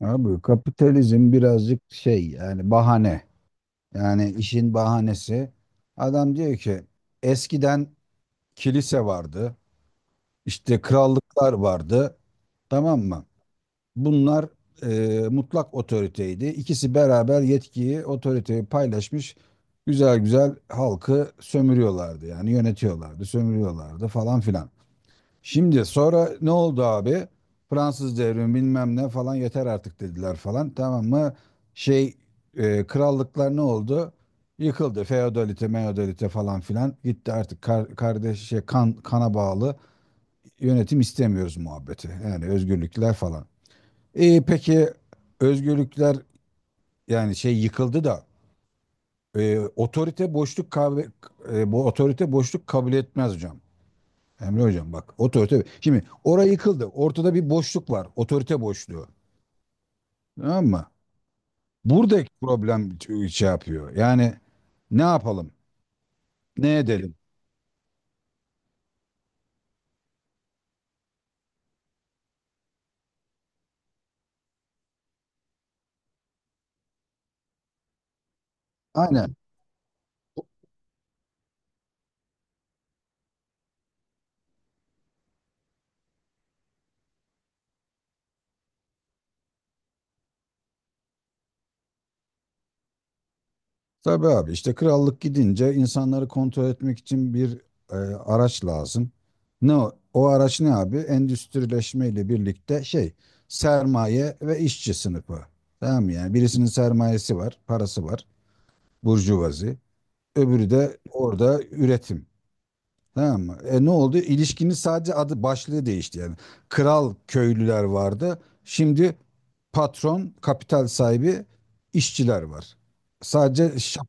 Abi kapitalizm birazcık şey yani bahane. Yani işin bahanesi. Adam diyor ki eskiden kilise vardı. İşte krallıklar vardı. Tamam mı? Bunlar mutlak otoriteydi. İkisi beraber yetkiyi, otoriteyi paylaşmış. Güzel güzel halkı sömürüyorlardı. Yani yönetiyorlardı, sömürüyorlardı falan filan. Şimdi sonra ne oldu abi? Fransız devrimi bilmem ne falan yeter artık dediler falan, tamam mı? Şey krallıklar ne oldu? Yıkıldı. Feodalite, meodalite falan filan gitti, artık kardeş kana bağlı yönetim istemiyoruz muhabbeti. Yani özgürlükler falan. Peki özgürlükler yani şey yıkıldı da, otorite boşluk bu otorite boşluk kabul etmez hocam. Emre hocam bak, otorite. Şimdi orayı yıkıldı. Ortada bir boşluk var. Otorite boşluğu. Tamam mı? Buradaki problem şey yapıyor. Yani ne yapalım? Ne edelim? Aynen. Tabii abi, işte krallık gidince insanları kontrol etmek için bir araç lazım. Ne o? O araç ne abi? Endüstrileşme ile birlikte sermaye ve işçi sınıfı. Tamam mı? Yani birisinin sermayesi var, parası var, burjuvazi. Öbürü de orada üretim. Tamam mı? Ne oldu? İlişkinin sadece adı başlığı değişti yani. Kral köylüler vardı. Şimdi patron, kapital sahibi, işçiler var. Sadece şap.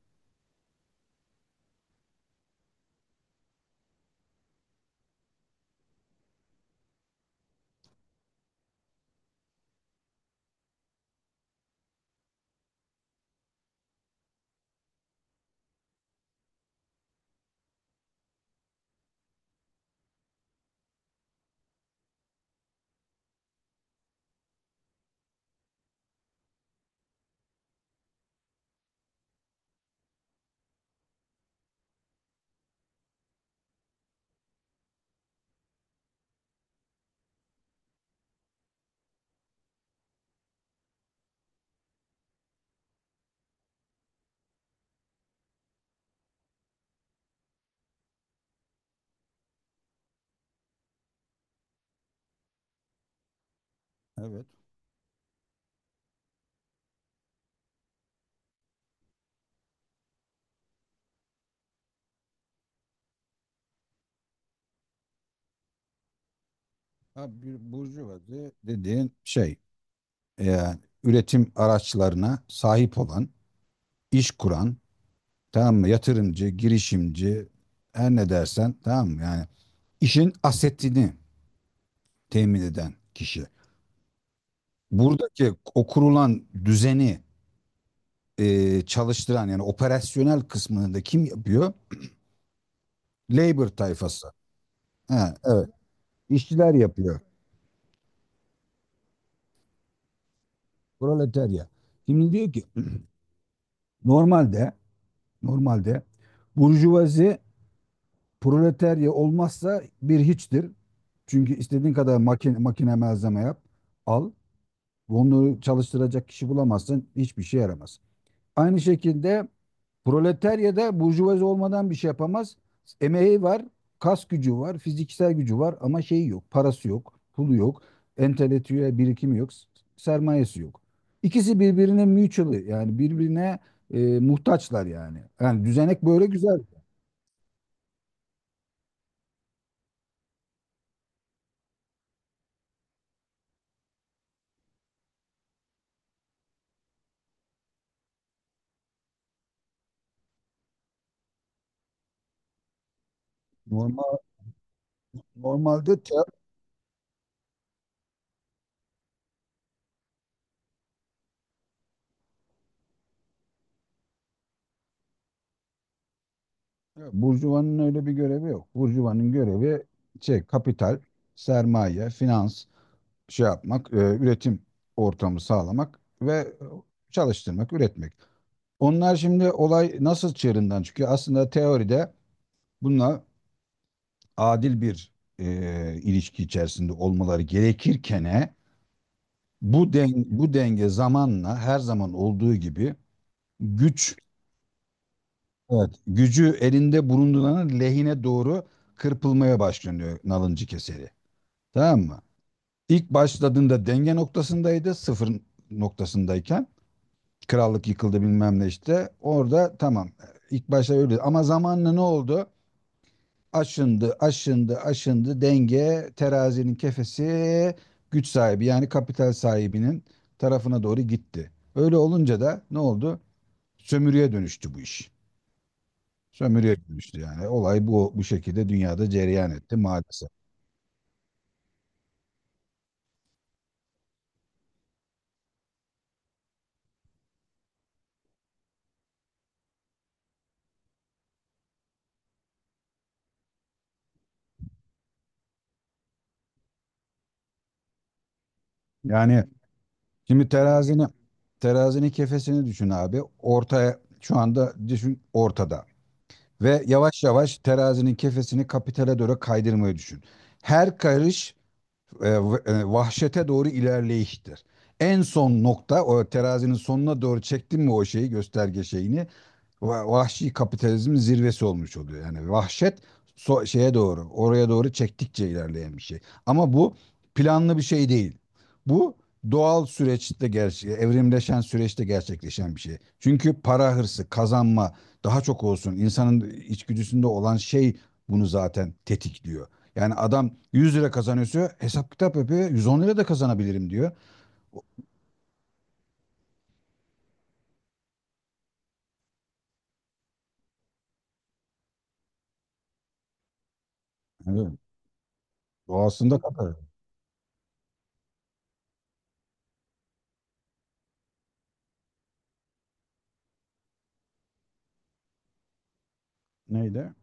Evet. Ha, bir burjuvazi dediğin şey yani üretim araçlarına sahip olan, iş kuran, tamam mı? Yatırımcı, girişimci, her ne dersen, tamam mı? Yani işin asetini temin eden kişi. Buradaki o kurulan düzeni çalıştıran yani operasyonel kısmını da kim yapıyor? Labor tayfası. Ha, evet. İşçiler yapıyor. Proletarya. Şimdi diyor ki normalde, normalde burjuvazi proletarya olmazsa bir hiçtir. Çünkü istediğin kadar makine malzeme yap, al. Onları çalıştıracak kişi bulamazsın, hiçbir şey yaramaz. Aynı şekilde proletarya da burjuvazi olmadan bir şey yapamaz. Emeği var, kas gücü var, fiziksel gücü var ama şeyi yok, parası yok, pulu yok, entelektüel birikimi yok, sermayesi yok. İkisi birbirine mutual yani birbirine muhtaçlar yani. Yani düzenek böyle güzel. Normal normalde te- burjuvanın öyle bir görevi yok. Burjuvanın görevi şey kapital, sermaye, finans. Şey yapmak, üretim ortamı sağlamak ve çalıştırmak, üretmek. Onlar şimdi olay nasıl çığırından çıkıyor? Aslında teoride bunlar adil bir ilişki içerisinde olmaları gerekirken, bu denge zamanla her zaman olduğu gibi güç, evet, gücü elinde bulunduranın lehine doğru kırpılmaya başlanıyor nalıncı keseri. Tamam mı? İlk başladığında denge noktasındaydı, sıfır noktasındayken krallık yıkıldı bilmem ne işte. Orada tamam. İlk başta öyle. Ama zamanla ne oldu? Aşındı, aşındı, aşındı. Denge terazinin kefesi güç sahibi yani kapital sahibinin tarafına doğru gitti. Öyle olunca da ne oldu? Sömürüye dönüştü bu iş. Sömürüye dönüştü yani. Olay bu şekilde dünyada cereyan etti maalesef. Yani şimdi terazinin kefesini düşün abi. Ortaya şu anda düşün, ortada. Ve yavaş yavaş terazinin kefesini kapitale doğru kaydırmayı düşün. Her karış e, vahşete doğru ilerleyiştir. En son nokta, o terazinin sonuna doğru çektin mi o şeyi, gösterge şeyini, vahşi kapitalizmin zirvesi olmuş oluyor. Yani vahşet oraya doğru çektikçe ilerleyen bir şey. Ama bu planlı bir şey değil. Bu doğal süreçte evrimleşen süreçte gerçekleşen bir şey. Çünkü para hırsı, kazanma daha çok olsun insanın içgüdüsünde olan şey bunu zaten tetikliyor. Yani adam 100 lira kazanıyorsa hesap kitap yapıyor. 110 lira da kazanabilirim diyor. Evet. Doğasında kadar. Neydi?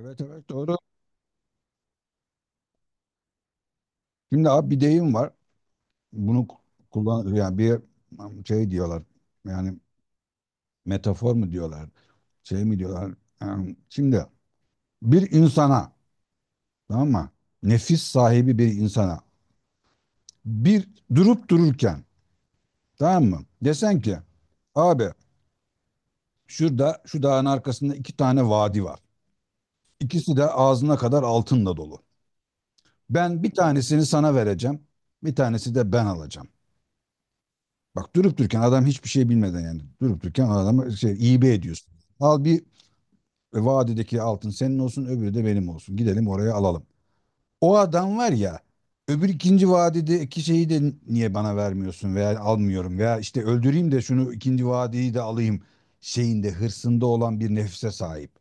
Evet, evet, doğru. Şimdi abi bir deyim var. Bunu kullan yani, bir şey diyorlar yani, metafor mu diyorlar, şey mi diyorlar? Yani şimdi bir insana, tamam mı, nefis sahibi bir insana, bir durup dururken, tamam mı, desen ki abi, şurada şu dağın arkasında iki tane vadi var, ikisi de ağzına kadar altınla dolu. Ben bir tanesini sana vereceğim, bir tanesi de ben alacağım. Bak, durup dururken adam hiçbir şey bilmeden, yani durup dururken adamı hibe ediyorsun. Al, bir, vadideki altın senin olsun, öbürü de benim olsun. Gidelim oraya alalım. O adam var ya, öbür ikinci vadideki şeyi de niye bana vermiyorsun veya almıyorum veya işte öldüreyim de şunu, ikinci vadiyi de alayım hırsında olan bir nefse sahip.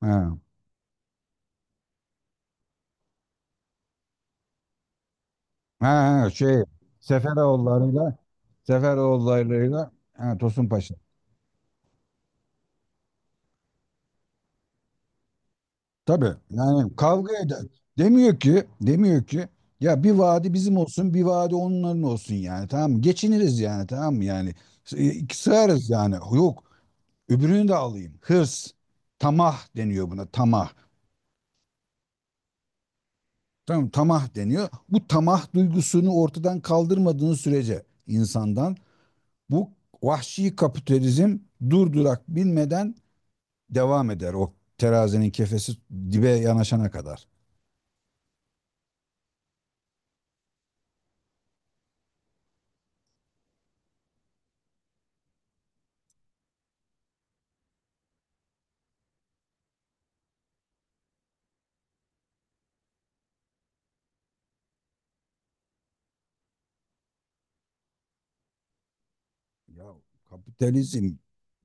Ha, ha, ha, Seferoğulları'yla Seferoğulları'yla, ha, Tosun Paşa. Tabii yani, kavga eder. Demiyor ki, demiyor ki ya bir vadi bizim olsun, bir vadi onların olsun yani, tamam mı? Geçiniriz yani, tamam mı? Yani iki sığarız yani. Yok, öbürünü de alayım. Hırs, tamah deniyor buna, tamah. Tamam, tamah deniyor. Bu tamah duygusunu ortadan kaldırmadığın sürece insandan, bu vahşi kapitalizm durdurak bilmeden devam eder, o terazinin kefesi dibe yanaşana kadar. Ya kapitalizm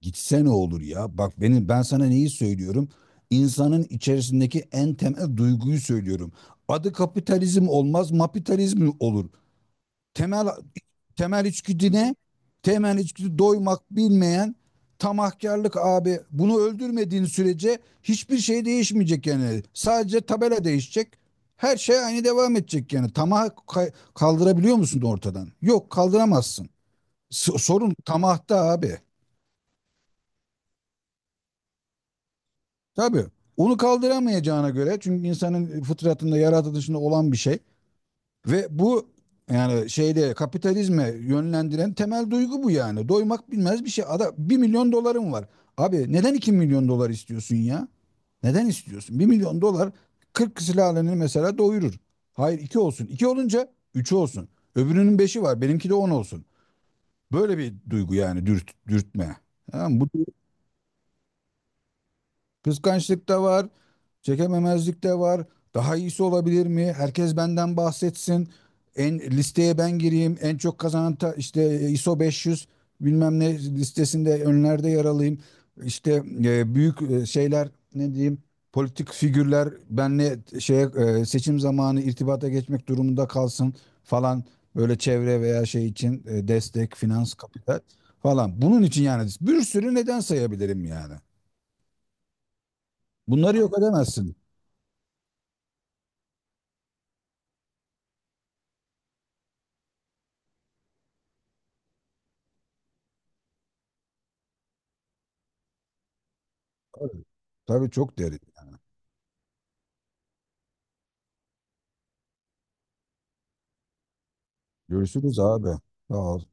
gitse ne olur ya? Bak ben sana neyi söylüyorum? İnsanın içerisindeki en temel duyguyu söylüyorum. Adı kapitalizm olmaz, mapitalizm olur. Temel temel içgüdü ne? Temel içgüdü doymak bilmeyen tamahkarlık abi. Bunu öldürmediğin sürece hiçbir şey değişmeyecek yani. Sadece tabela değişecek. Her şey aynı devam edecek yani. Tamah kaldırabiliyor musun ortadan? Yok, kaldıramazsın. Sorun tamahta abi. Tabii. Onu kaldıramayacağına göre, çünkü insanın fıtratında, yaratılışında olan bir şey ve bu yani, kapitalizme yönlendiren temel duygu bu yani. Doymak bilmez bir şey. Ada 1 milyon dolarım var. Abi neden 2 milyon dolar istiyorsun ya? Neden istiyorsun? 1 milyon dolar 40 silahlarını mesela doyurur. Hayır, 2 olsun. İki olunca 3 olsun. Öbürünün beşi var. Benimki de 10 olsun. Böyle bir duygu yani dürtme. Tamam mı? Kıskançlık da var, çekememezlik de var. Daha iyisi olabilir mi? Herkes benden bahsetsin. En listeye ben gireyim. En çok kazanan işte ISO 500 bilmem ne listesinde önlerde yer alayım. İşte büyük şeyler, ne diyeyim? Politik figürler benle şeye, seçim zamanı irtibata geçmek durumunda kalsın falan, böyle çevre veya şey için destek, finans, kapital falan. Bunun için yani bir sürü neden sayabilirim yani. Bunları yok edemezsin. Tabii, tabii, çok derin. Görüşürüz abi. Sağ ol.